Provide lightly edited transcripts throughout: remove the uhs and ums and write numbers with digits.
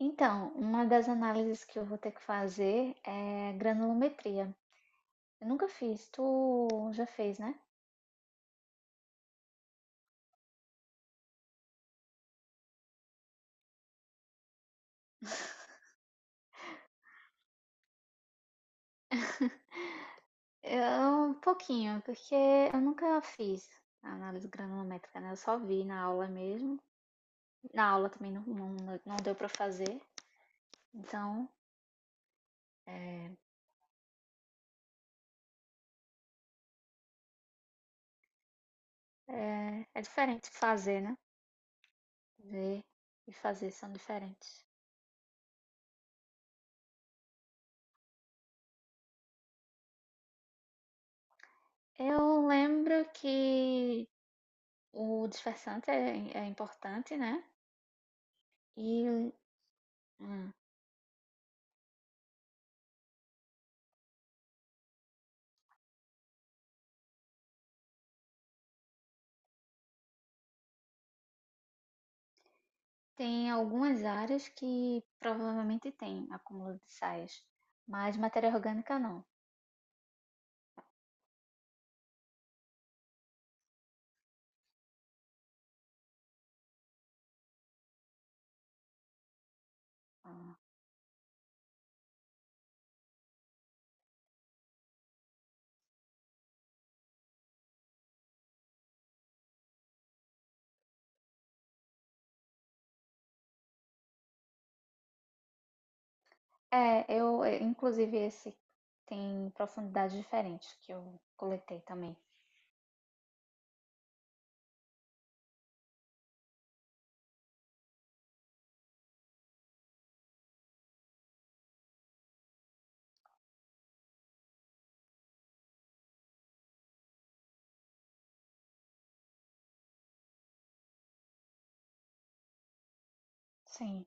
Então, uma das análises que eu vou ter que fazer é granulometria. Eu nunca fiz, tu já fez, né? Eu, um pouquinho, porque eu nunca fiz a análise granulométrica, né? Eu só vi na aula mesmo. Na aula também não deu para fazer, então é, é diferente fazer, né? Ver e fazer são diferentes. Eu lembro que o dispersante é importante, né? E hum, tem algumas áreas que provavelmente tem acúmulo de sais, mas matéria orgânica não. Ah, é. Inclusive, esse tem profundidades diferentes que eu coletei também. Sim,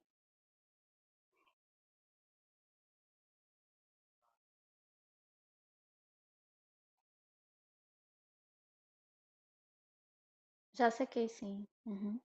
já sequei, sim. Uhum.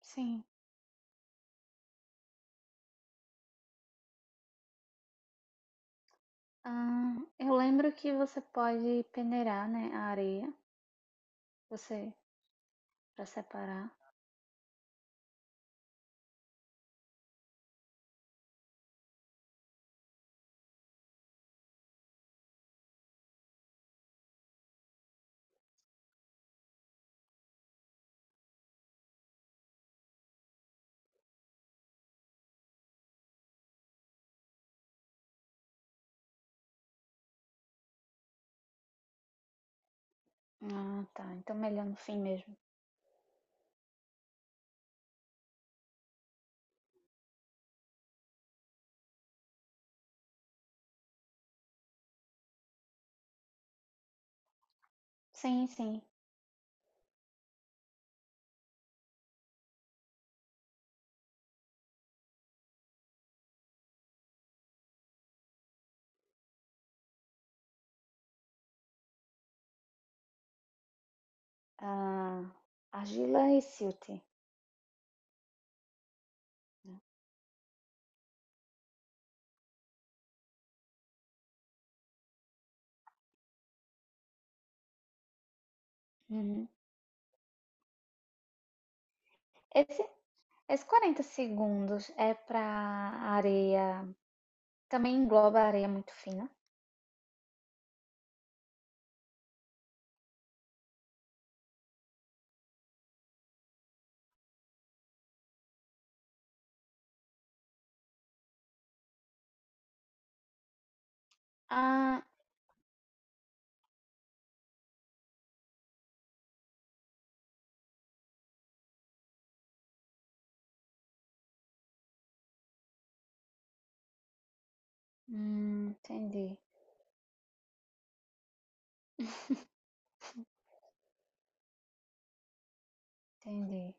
Sim. Ah, eu lembro que você pode peneirar, né, a areia, você para separar. Ah, tá. Então melhor no fim mesmo. Sim, sim. Ah, argila e silt. Uhum. Esse Esses 40 segundos é para areia. Também engloba areia muito fina. Ah, entendi. Entendi.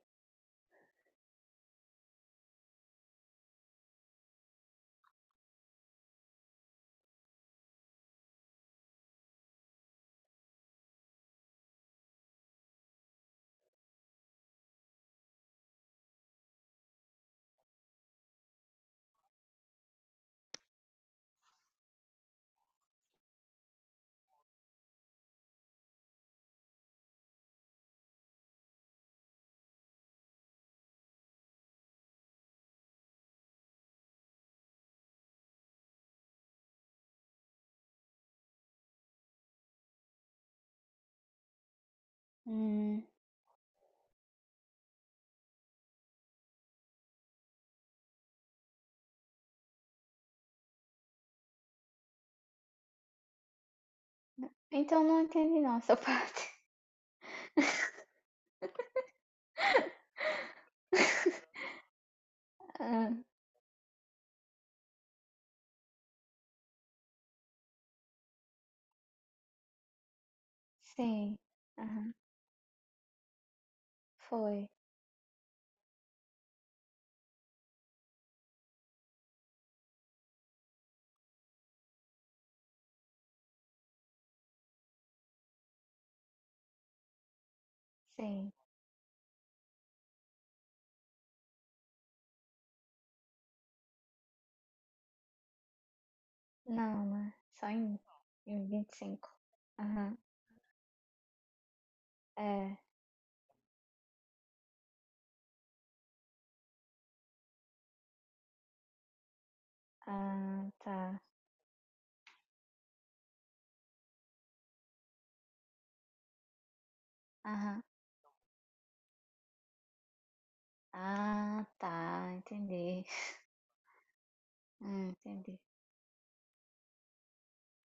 Hum, então não entendi não essa parte. Ah, sim. Aham. Foi. Sim. Não, né? Só em 25. Aham. É. Ah, tá. Aham. Ah, tá. Entendi. Entendi.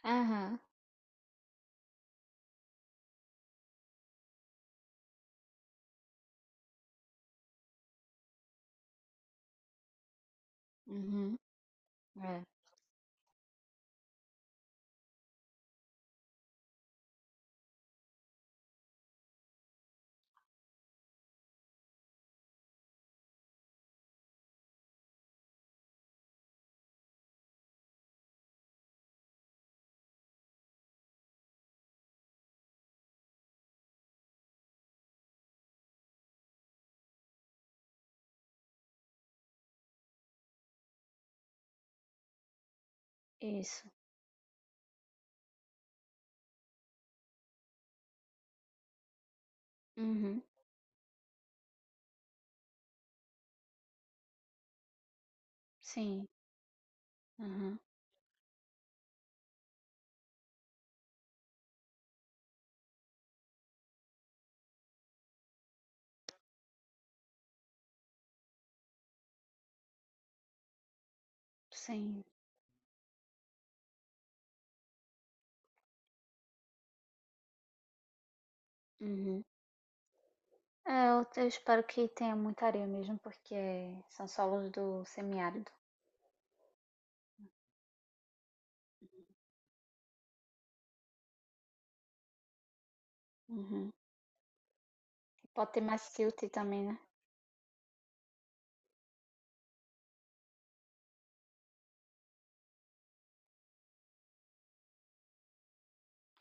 Aham. Uhum. É. Isso. Uhum. Sim, aham, sim, uhum. É, eu espero que tenha muita areia mesmo, porque são solos do semiárido. Uhum. Pode ter mais silt também, né?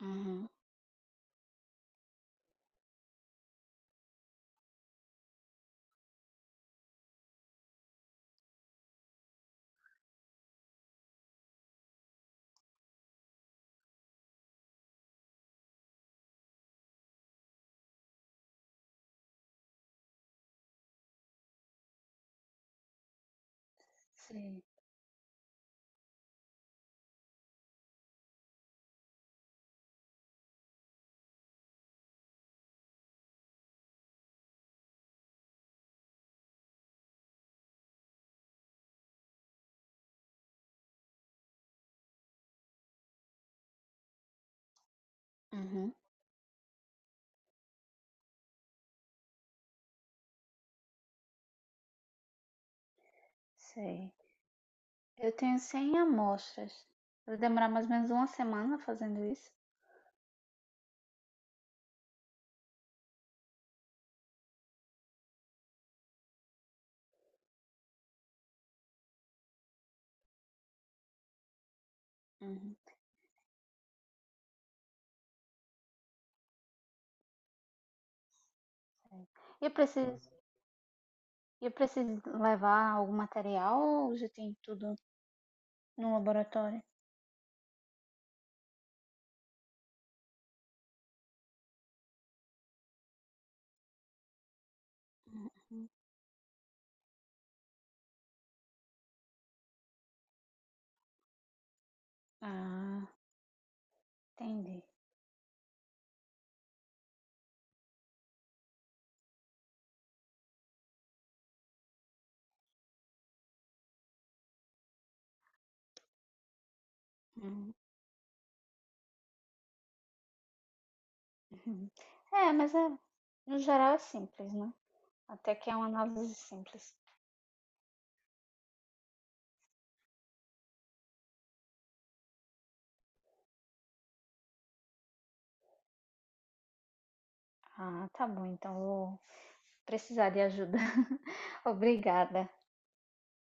Uhum. Sei. Uhum. Sei. Eu tenho 100 amostras. Vai demorar mais ou menos uma semana fazendo isso. Uhum. Sei. E eu preciso levar algum material ou já tem tudo no laboratório? Ah, entendi. Uhum. Uhum. É, mas é, no geral é simples, né? Até que é uma análise simples. Ah, tá bom, então vou precisar de ajuda. Obrigada.